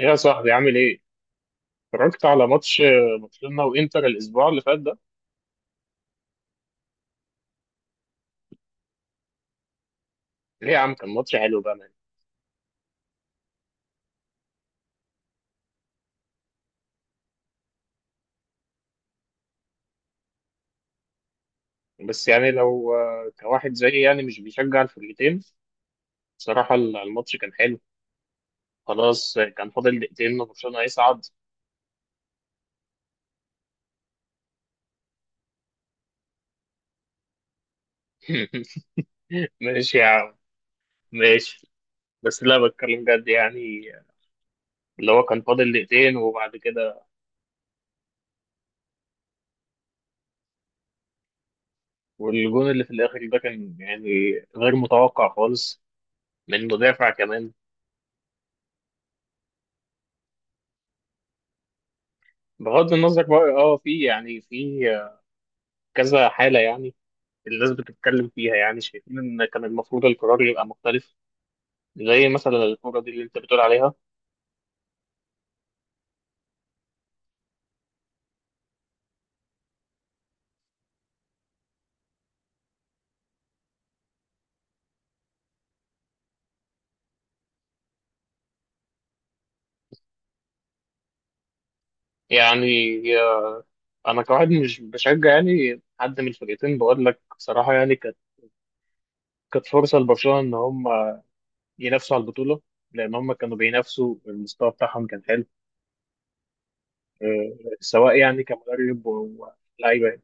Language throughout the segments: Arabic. ايه يا صاحبي عامل ايه؟ اتفرجت على ماتش برشلونة وانتر الاسبوع اللي فات ده؟ ليه يا عم كان ماتش حلو بقى يعني. بس يعني لو كواحد زيي يعني مش بيشجع الفرقتين، بصراحة الماتش كان حلو. خلاص كان فاضل دقيقتين وبرشلونة هيصعد. ماشي يا عم، ماشي. بس لا بتكلم جد يعني، اللي هو كان فاضل دقيقتين وبعد كده، والجون اللي في الاخر ده كان يعني غير متوقع خالص، من مدافع كمان. بغض النظر بقى في يعني في كذا حالة، يعني الناس بتتكلم فيها، يعني شايفين ان كان المفروض القرار يبقى مختلف، زي مثلا الكوره دي اللي انت بتقول عليها. يعني انا كواحد مش بشجع يعني حد من الفرقتين، بقول لك بصراحه يعني كانت فرصه لبرشلونه ان هم ينافسوا على البطوله، لان هم كانوا بينافسوا، المستوى بتاعهم كان حلو، سواء يعني كمدرب ولاعيبه.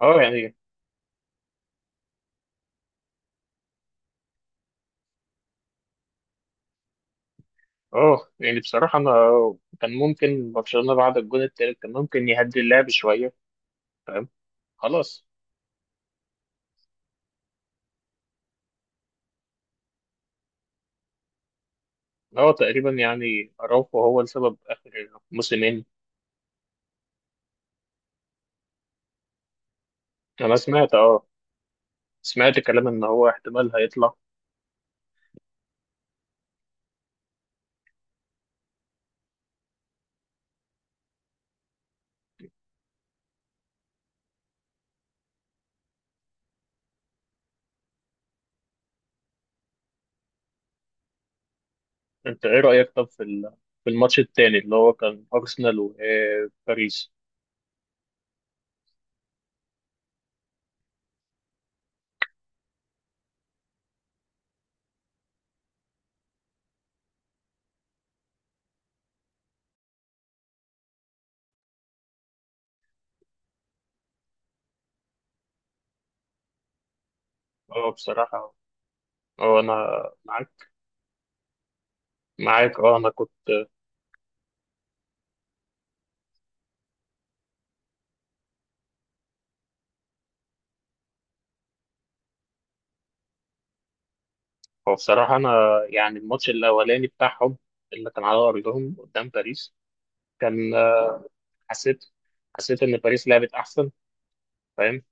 اه يعني اه يعني بصراحه انا كان ممكن برشلونه بعد الجون التالت كان ممكن يهدي اللعب شويه. فاهم، خلاص. هو تقريبا يعني أراوخو هو السبب آخر موسمين. أنا سمعت، أه سمعت كلام إن هو احتمال هيطلع. أنت إيه رأيك طب في في الماتش التاني اللي هو كان أرسنال وباريس؟ أه بصراحة، أه أنا معاك، أه أنا كنت. هو بصراحة أنا يعني الماتش الأولاني بتاعهم اللي كان على أرضهم قدام باريس كان، حسيت، إن باريس لعبت أحسن، فاهم.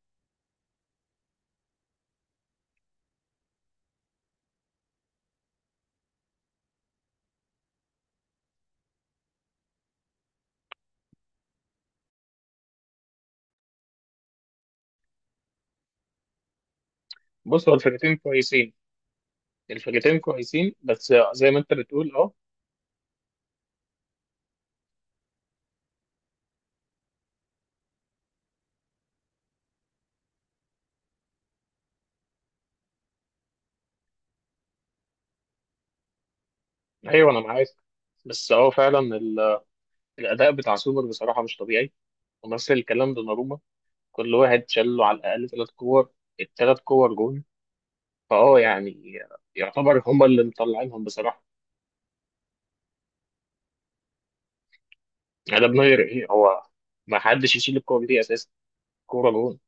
بص هو الفرقتين كويسين، بس زي ما أنت بتقول، أه. ايوه انا معاك، بس هو فعلا الاداء بتاع سوبر بصراحه مش طبيعي، ونفس الكلام دوناروما، كل واحد شال له على الاقل ثلاث كور، الثلاث كور جون، فاه يعني يعتبر هما اللي مطلعينهم بصراحه، يعني ده من غير ايه هو، ما حدش يشيل الكور دي اساسا، كوره جون.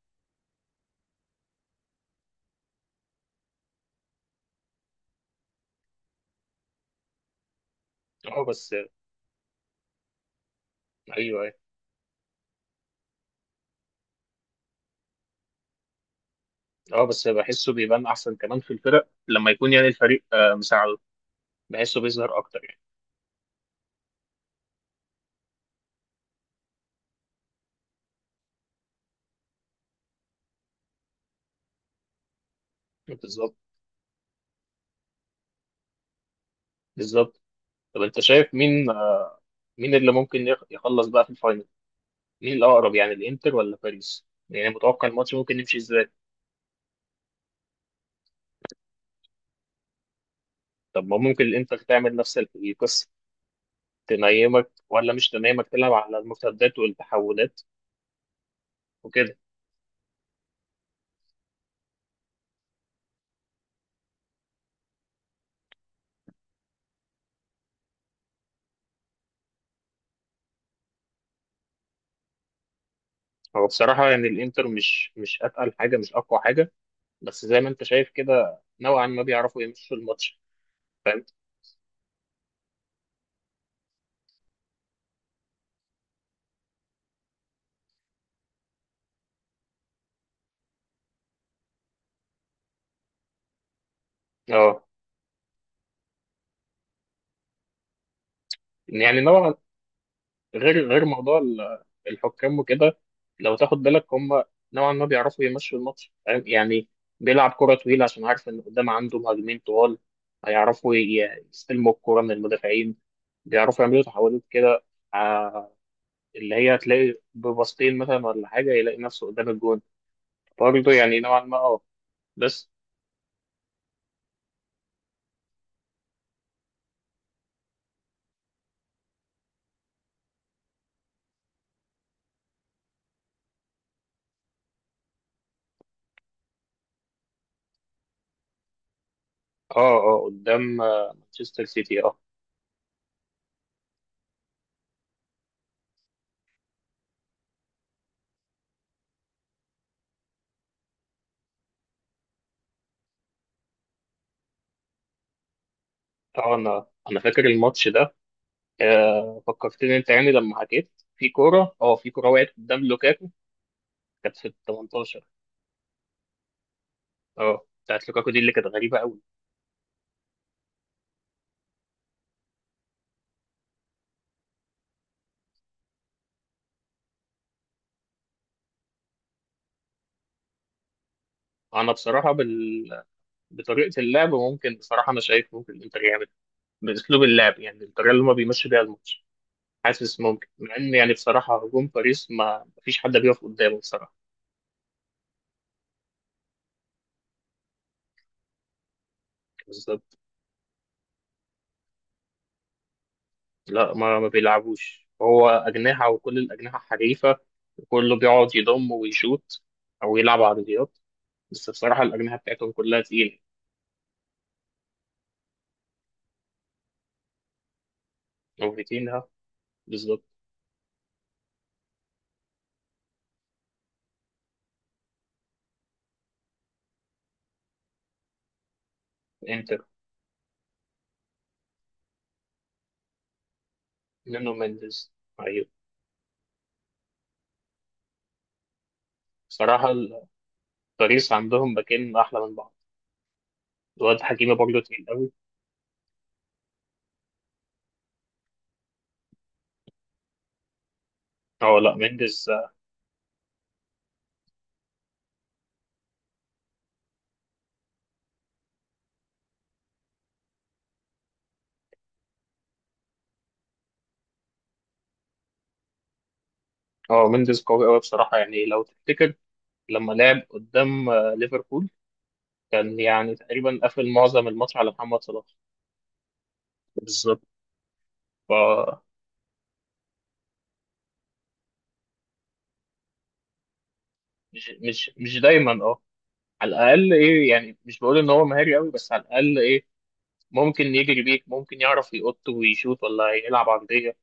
اه بس ايوه، أيوة. اه بس بحسه بيبان احسن كمان في الفرق، لما يكون يعني الفريق مساعده، بحسه بيظهر اكتر يعني. بالظبط، بالظبط. طب انت شايف مين، اللي ممكن يخلص بقى في الفاينل؟ ايه الاقرب يعني، الانتر ولا باريس؟ يعني متوقع الماتش ممكن يمشي ازاي؟ طب ما ممكن الانتر تعمل نفس القصه، تنيمك ولا مش تنيمك، تلعب على المرتدات والتحولات وكده. هو بصراحه يعني الانتر مش اتقل حاجه، مش اقوى حاجه، بس زي ما انت شايف كده نوعا ما بيعرفوا يمشوا الماتش، فاهم. اه يعني نوعا، غير موضوع الحكام وكده. لو تاخد بالك هم نوعا ما بيعرفوا يمشوا الماتش، فاهم؟ يعني بيلعب كرة طويلة عشان عارف إن قدام عنده مهاجمين طوال، هيعرفوا يستلموا الكرة من المدافعين، بيعرفوا يعملوا تحولات كده، ع- اللي هي تلاقي ببسطين مثلا ولا حاجة يلاقي نفسه قدام الجون، برضه يعني نوعا ما. اه بس، اه قدام مانشستر سيتي، اه. اه انا فاكر الماتش ده، آه فكرتني انت يعني لما حكيت، في كورة، وقعت قدام لوكاكو، كانت في ال 18. اه بتاعت لوكاكو دي اللي كانت غريبه قوي. انا بصراحه بطريقه اللعب ممكن، بصراحه انا شايف ممكن الانتر يعمل باسلوب اللعب، يعني الطريقه اللي هما بيمشوا بيها الماتش، حاسس ممكن مع ان يعني بصراحه هجوم باريس ما مفيش حد بيقف قدامه بصراحه. بالظبط. لا ما بيلعبوش، هو اجنحه، وكل الاجنحه حريفه، وكله بيقعد يضم ويشوت، او يلعب عرضيات. بس بصراحه الاجنحه بتاعتهم كلها تقيله. وفيتينها، بالظبط. انتر. نونو مينديز، ايوه. بصراحه باريس عندهم باكين احلى من بعض، الواد حكيمي برضه تقيل قوي. اه لا، مندز. اه مندز قوي قوي بصراحه. يعني لو تفتكر لما لعب قدام ليفربول، كان يعني تقريبا قفل معظم الماتش على محمد صلاح. بالظبط. ف مش دايما اه، على الاقل ايه، يعني مش بقول ان هو مهاري قوي، بس على الاقل ايه، ممكن يجري بيك، ممكن يعرف يقط ويشوط ولا يلعب عرضيه.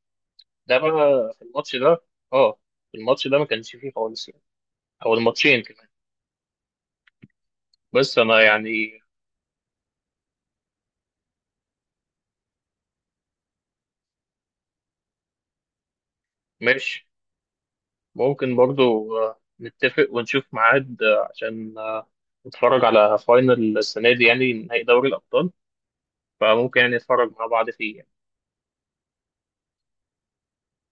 ده بقى في الماتش ده، اه في الماتش ده ما كانش فيه خالص يعني، او الماتشين كمان. بس انا يعني، ماشي. ممكن برضو نتفق ونشوف ميعاد عشان نتفرج على فاينل السنة دي، يعني نهائي دوري الأبطال، فممكن يعني نتفرج مع بعض فيه يعني.